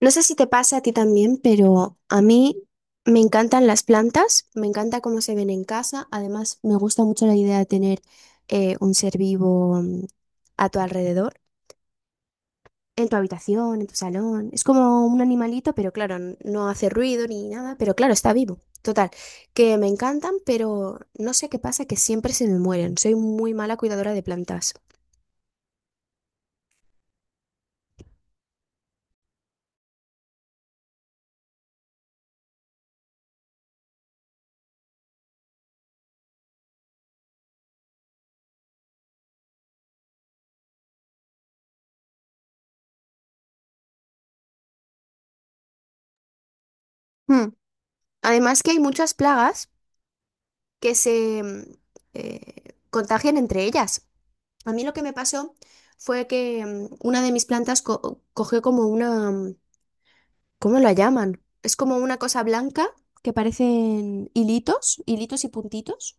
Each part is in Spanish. No sé si te pasa a ti también, pero a mí me encantan las plantas, me encanta cómo se ven en casa. Además, me gusta mucho la idea de tener un ser vivo a tu alrededor, en tu habitación, en tu salón. Es como un animalito, pero claro, no hace ruido ni nada, pero claro, está vivo. Total, que me encantan, pero no sé qué pasa, que siempre se me mueren. Soy muy mala cuidadora de plantas. Hmm. Además que hay muchas plagas que se contagian entre ellas. A mí lo que me pasó fue que una de mis plantas cogió como una, ¿cómo la llaman? Es como una cosa blanca que parecen hilitos, hilitos y puntitos.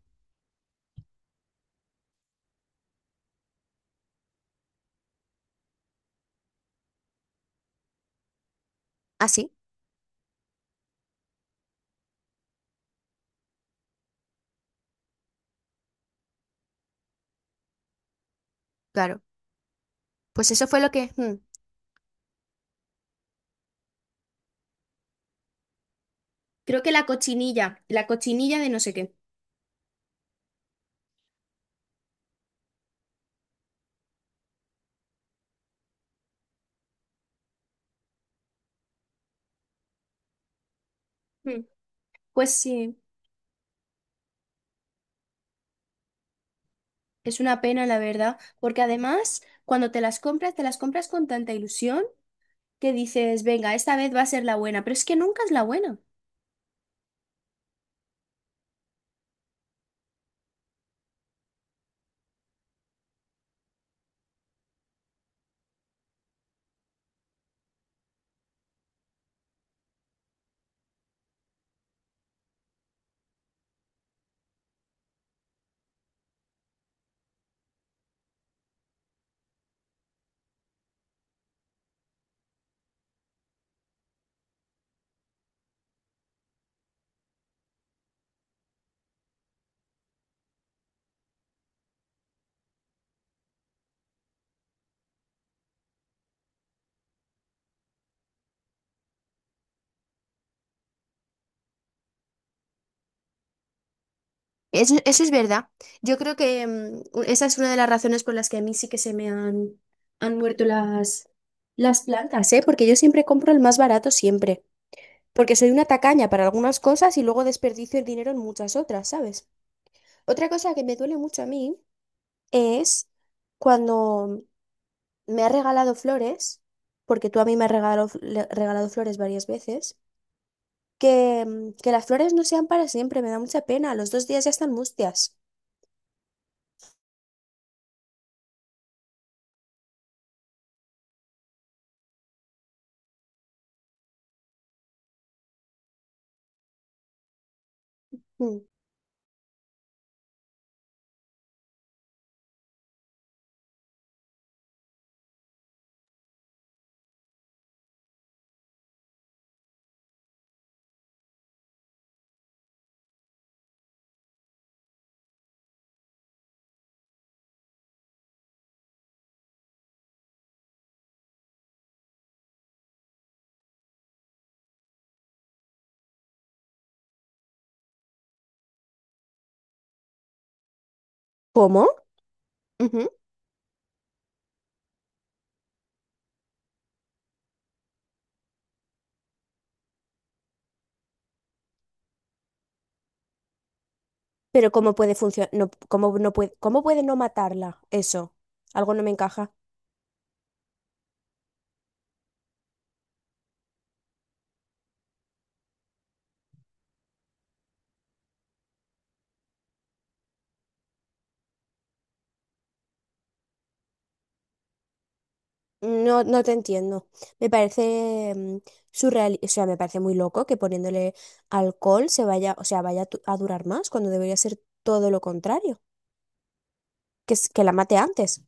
Así, claro. Pues eso fue lo que... Creo que la cochinilla de no sé qué. Mm, Pues sí, es una pena, la verdad, porque además, cuando te las compras con tanta ilusión que dices, venga, esta vez va a ser la buena, pero es que nunca es la buena. Eso es verdad. Yo creo que esa es una de las razones por las que a mí sí que se me han, han muerto las plantas, ¿eh? Porque yo siempre compro el más barato siempre. Porque soy una tacaña para algunas cosas y luego desperdicio el dinero en muchas otras, ¿sabes? Otra cosa que me duele mucho a mí es cuando me has regalado flores, porque tú a mí me has regalado, regalado flores varias veces, que las flores no sean para siempre, me da mucha pena. A los dos días ya están mustias. Mm. ¿Cómo? Pero ¿cómo puede funcionar? No, ¿cómo no puede, cómo puede no matarla? Eso. Algo no me encaja. No, no te entiendo. Me parece surreal, o sea, me parece muy loco que poniéndole alcohol se vaya, o sea, vaya a a durar más cuando debería ser todo lo contrario, que, que la mate antes.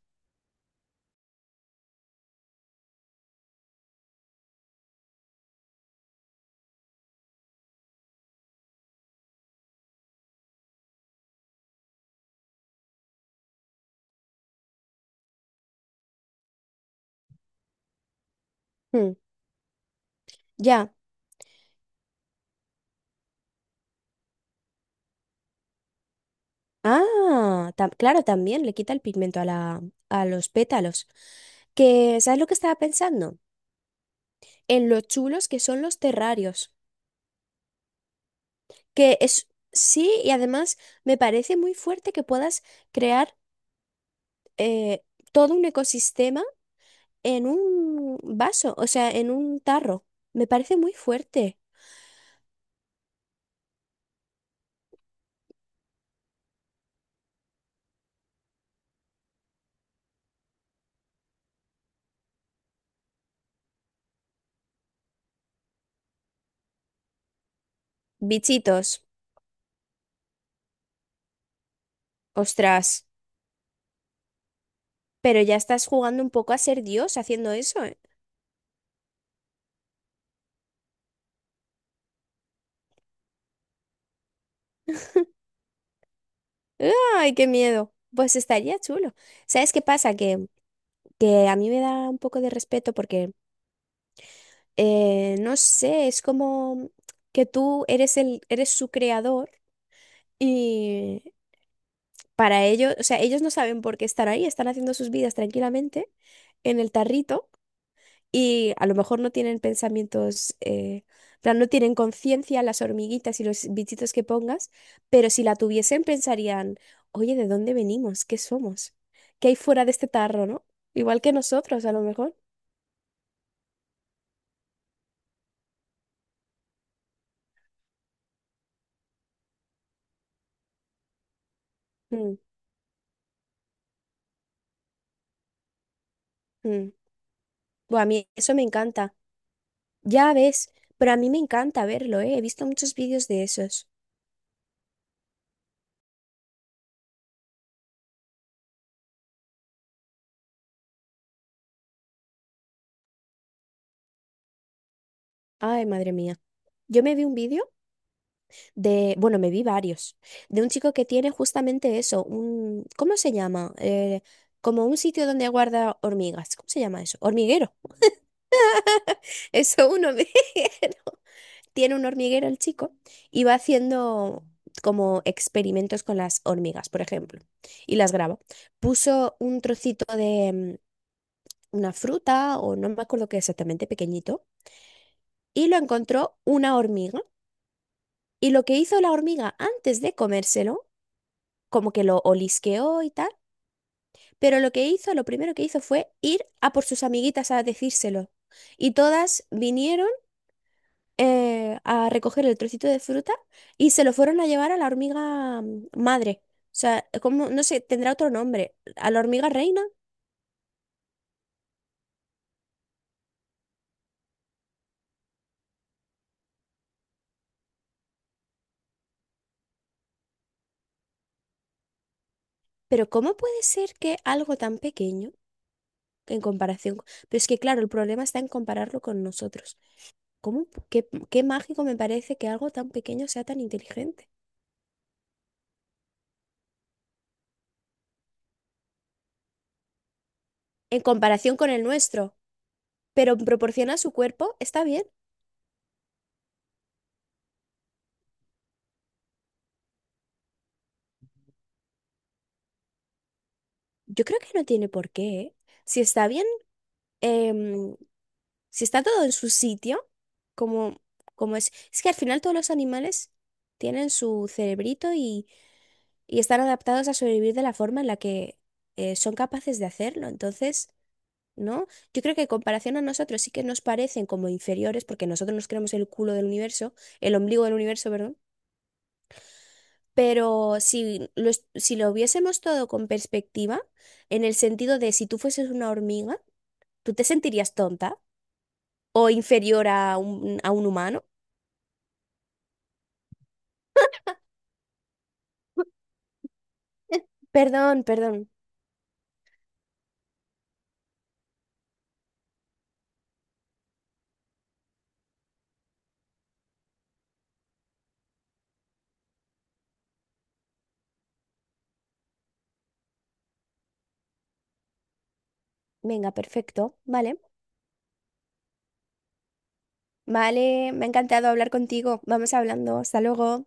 Hmm, ya. Ah, claro, también le quita el pigmento a la, a los pétalos. Que, ¿sabes lo que estaba pensando? En lo chulos que son los terrarios. Que es, sí, y además me parece muy fuerte que puedas crear eh, todo un ecosistema en un vaso, o sea, en un tarro. Me parece muy fuerte. Bichitos, ostras, pero ya estás jugando un poco a ser Dios haciendo eso, ¿eh? ¡Ay, qué miedo! Pues estaría chulo. ¿Sabes qué pasa? Que a mí me da un poco de respeto porque, no sé, es como que tú eres el, eres su creador. Y para ellos, o sea, ellos no saben por qué están ahí, están haciendo sus vidas tranquilamente en el tarrito y a lo mejor no tienen pensamientos, en plan, no tienen conciencia las hormiguitas y los bichitos que pongas, pero si la tuviesen pensarían, oye, ¿de dónde venimos? ¿Qué somos? ¿Qué hay fuera de este tarro, no? Igual que nosotros, a lo mejor. Mm, mm. Buah, a mí eso me encanta. Ya ves, pero a mí me encanta verlo, ¿eh? He visto muchos vídeos de esos. Ay, madre mía. Yo me vi un vídeo de, bueno, me vi varios, de un chico que tiene justamente eso, un, ¿cómo se llama? Como un sitio donde guarda hormigas, ¿cómo se llama eso? Hormiguero, eso, un hormiguero. Tiene un hormiguero el chico y va haciendo como experimentos con las hormigas, por ejemplo, y las graba. Puso un trocito de una fruta o no me acuerdo qué exactamente, pequeñito, y lo encontró una hormiga. Y lo que hizo la hormiga antes de comérselo, como que lo olisqueó y tal, pero lo que hizo, lo primero que hizo fue ir a por sus amiguitas a decírselo. Y todas vinieron a recoger el trocito de fruta y se lo fueron a llevar a la hormiga madre. O sea, como, no sé, tendrá otro nombre, a la hormiga reina. Pero ¿cómo puede ser que algo tan pequeño en comparación? Pero es que, claro, el problema está en compararlo con nosotros. ¿Cómo, qué, qué mágico me parece que algo tan pequeño sea tan inteligente? En comparación con el nuestro. Pero en proporción a su cuerpo, está bien. Yo creo que no tiene por qué, ¿eh? Si está bien, em, si está todo en su sitio, como, como es. Es que al final todos los animales tienen su cerebrito y están adaptados a sobrevivir de la forma en la que son capaces de hacerlo. Entonces, ¿no? Yo creo que en comparación a nosotros sí que nos parecen como inferiores, porque nosotros nos creemos el culo del universo, el ombligo del universo, perdón. Pero si lo, si lo viésemos todo con perspectiva, en el sentido de si tú fueses una hormiga, ¿tú te sentirías tonta o inferior a un humano? Perdón, perdón. Venga, perfecto. Vale. Vale, me ha encantado hablar contigo. Vamos hablando. Hasta luego.